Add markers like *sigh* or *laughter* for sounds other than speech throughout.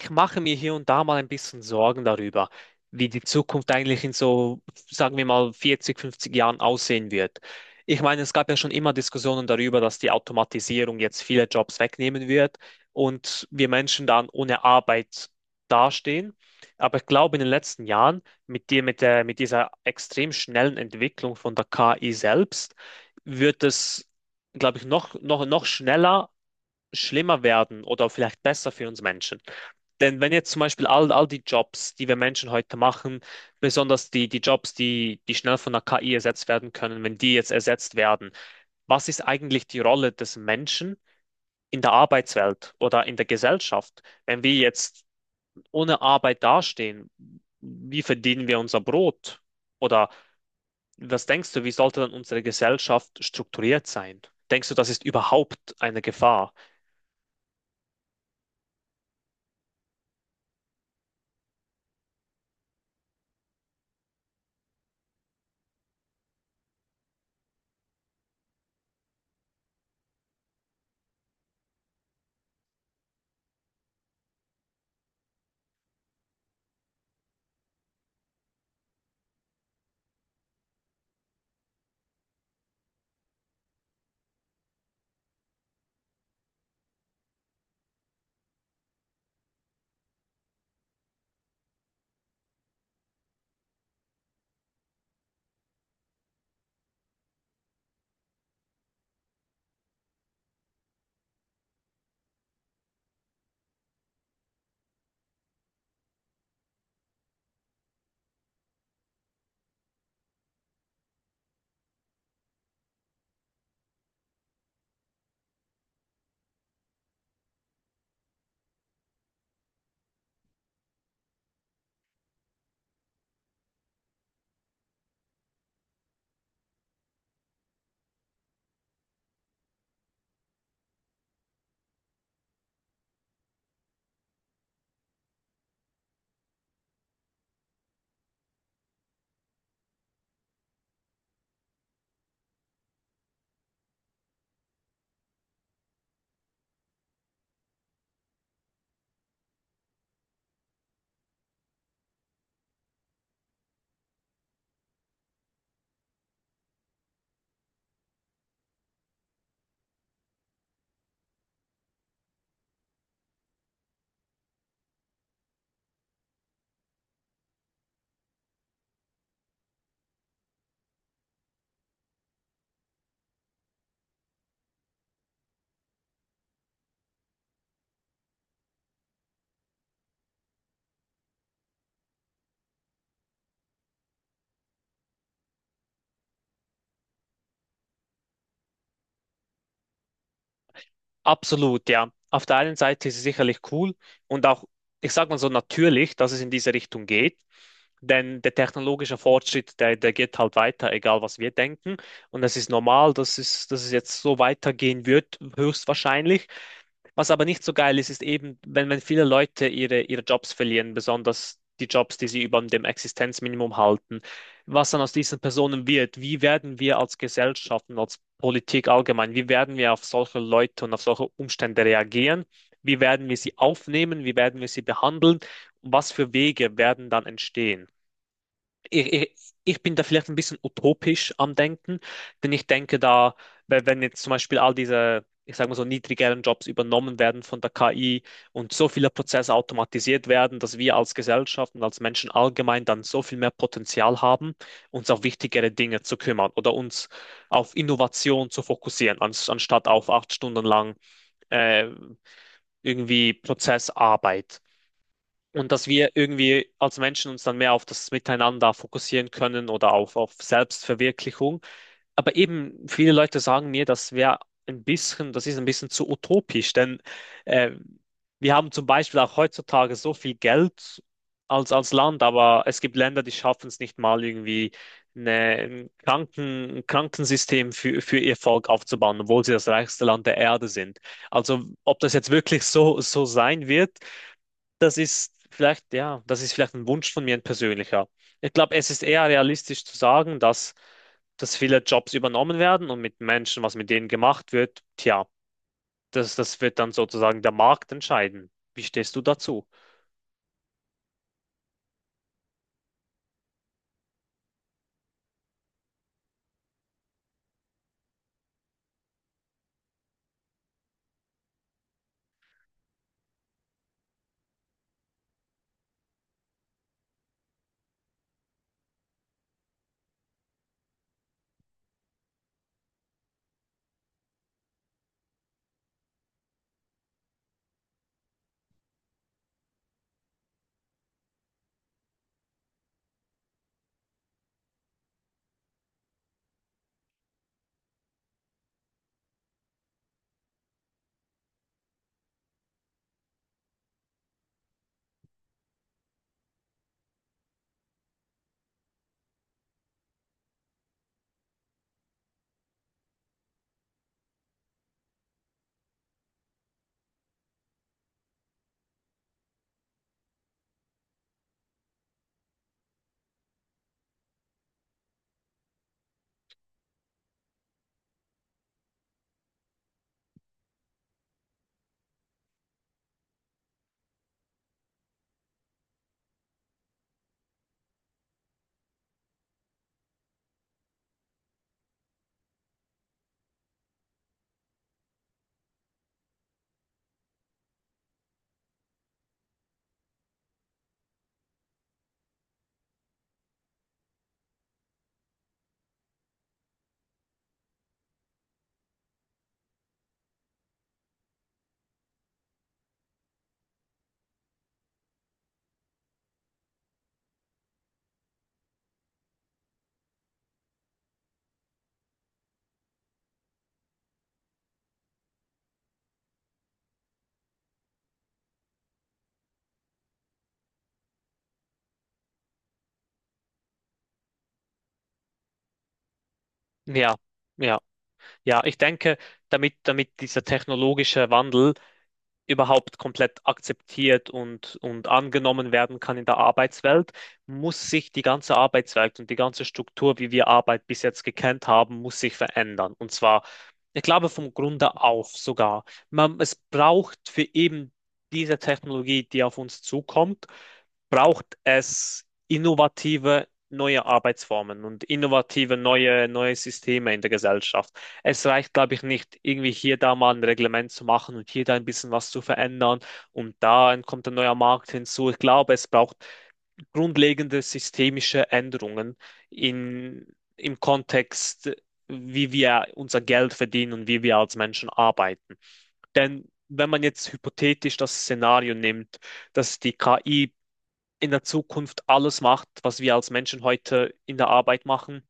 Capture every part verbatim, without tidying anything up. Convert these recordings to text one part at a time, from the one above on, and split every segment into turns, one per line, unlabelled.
Ich mache mir hier und da mal ein bisschen Sorgen darüber, wie die Zukunft eigentlich in so, sagen wir mal, vierzig, fünfzig Jahren aussehen wird. Ich meine, es gab ja schon immer Diskussionen darüber, dass die Automatisierung jetzt viele Jobs wegnehmen wird und wir Menschen dann ohne Arbeit dastehen. Aber ich glaube, in den letzten Jahren mit dir, mit der, mit dieser extrem schnellen Entwicklung von der K I selbst, wird es, glaube ich, noch, noch, noch schneller schlimmer werden oder vielleicht besser für uns Menschen. Denn wenn jetzt zum Beispiel all, all die Jobs, die wir Menschen heute machen, besonders die, die Jobs, die, die schnell von der K I ersetzt werden können, wenn die jetzt ersetzt werden, was ist eigentlich die Rolle des Menschen in der Arbeitswelt oder in der Gesellschaft? Wenn wir jetzt ohne Arbeit dastehen, wie verdienen wir unser Brot? Oder was denkst du, wie sollte dann unsere Gesellschaft strukturiert sein? Denkst du, das ist überhaupt eine Gefahr? Absolut, ja. Auf der einen Seite ist es sicherlich cool und auch, ich sag mal so, natürlich, dass es in diese Richtung geht, denn der technologische Fortschritt, der, der geht halt weiter, egal was wir denken. Und es ist normal, dass es, dass es jetzt so weitergehen wird, höchstwahrscheinlich. Was aber nicht so geil ist, ist eben, wenn, wenn viele Leute ihre, ihre Jobs verlieren, besonders die Jobs, die sie über dem Existenzminimum halten, was dann aus diesen Personen wird, wie werden wir als Gesellschaft und als Politik allgemein, wie werden wir auf solche Leute und auf solche Umstände reagieren, wie werden wir sie aufnehmen, wie werden wir sie behandeln, was für Wege werden dann entstehen? ich, ich ich bin da vielleicht ein bisschen utopisch am Denken, denn ich denke da, weil wenn jetzt zum Beispiel all diese, ich sage mal so, niedrigeren Jobs übernommen werden von der K I und so viele Prozesse automatisiert werden, dass wir als Gesellschaft und als Menschen allgemein dann so viel mehr Potenzial haben, uns auf wichtigere Dinge zu kümmern oder uns auf Innovation zu fokussieren, ans- anstatt auf acht Stunden lang äh, irgendwie Prozessarbeit. Und dass wir irgendwie als Menschen uns dann mehr auf das Miteinander fokussieren können oder auf, auf Selbstverwirklichung. Aber eben viele Leute sagen mir, das wäre ein bisschen, das ist ein bisschen zu utopisch, denn äh, wir haben zum Beispiel auch heutzutage so viel Geld als, als Land, aber es gibt Länder, die schaffen es nicht mal irgendwie eine, ein Kranken, ein Krankensystem für, für ihr Volk aufzubauen, obwohl sie das reichste Land der Erde sind. Also ob das jetzt wirklich so, so sein wird, das ist vielleicht, ja, das ist vielleicht ein Wunsch von mir, ein persönlicher. Ich glaube, es ist eher realistisch zu sagen, dass, dass viele Jobs übernommen werden und mit Menschen, was mit denen gemacht wird, tja, das, das wird dann sozusagen der Markt entscheiden. Wie stehst du dazu? Ja, ja, ja, ich denke, damit, damit dieser technologische Wandel überhaupt komplett akzeptiert und, und angenommen werden kann in der Arbeitswelt, muss sich die ganze Arbeitswelt und die ganze Struktur, wie wir Arbeit bis jetzt gekannt haben, muss sich verändern. Und zwar, ich glaube, vom Grunde auf sogar. Man, es braucht für eben diese Technologie, die auf uns zukommt, braucht es innovative neue Arbeitsformen und innovative neue, neue Systeme in der Gesellschaft. Es reicht, glaube ich, nicht, irgendwie hier da mal ein Reglement zu machen und hier da ein bisschen was zu verändern und da kommt ein neuer Markt hinzu. Ich glaube, es braucht grundlegende systemische Änderungen in, im Kontext, wie wir unser Geld verdienen und wie wir als Menschen arbeiten. Denn wenn man jetzt hypothetisch das Szenario nimmt, dass die K I in der Zukunft alles macht, was wir als Menschen heute in der Arbeit machen,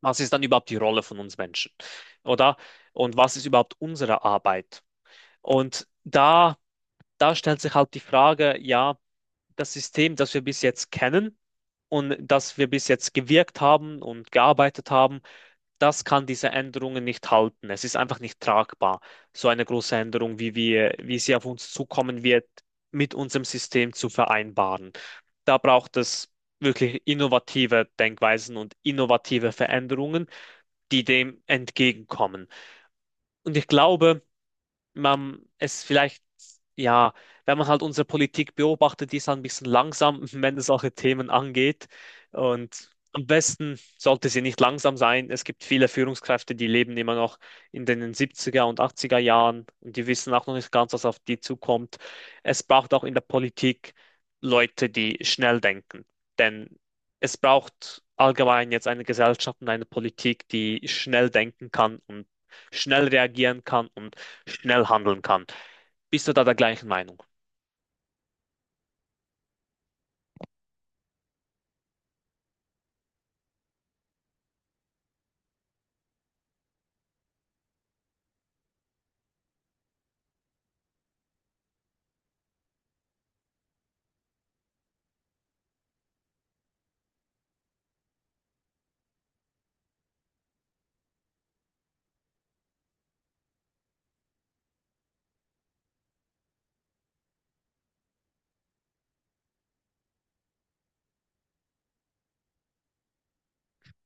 was ist dann überhaupt die Rolle von uns Menschen? Oder? Und was ist überhaupt unsere Arbeit? Und da, da stellt sich halt die Frage, ja, das System, das wir bis jetzt kennen und das wir bis jetzt gewirkt haben und gearbeitet haben, das kann diese Änderungen nicht halten. Es ist einfach nicht tragbar, so eine große Änderung, wie wir, wie sie auf uns zukommen wird, mit unserem System zu vereinbaren. Da braucht es wirklich innovative Denkweisen und innovative Veränderungen die dem entgegenkommen. Und ich glaube, man es vielleicht, ja, wenn man halt unsere Politik beobachtet, die ist halt ein bisschen langsam, *laughs* wenn es solche Themen angeht. Und am besten sollte sie nicht langsam sein. Es gibt viele Führungskräfte, die leben immer noch in den siebziger und achtziger Jahren und die wissen auch noch nicht ganz, was auf die zukommt. Es braucht auch in der Politik Leute, die schnell denken. Denn es braucht allgemein jetzt eine Gesellschaft und eine Politik, die schnell denken kann und schnell reagieren kann und schnell handeln kann. Bist du da der gleichen Meinung?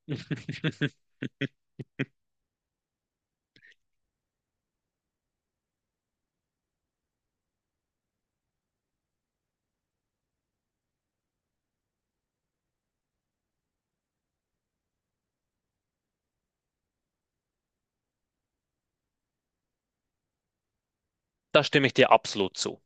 *laughs* Da stimme ich dir absolut zu.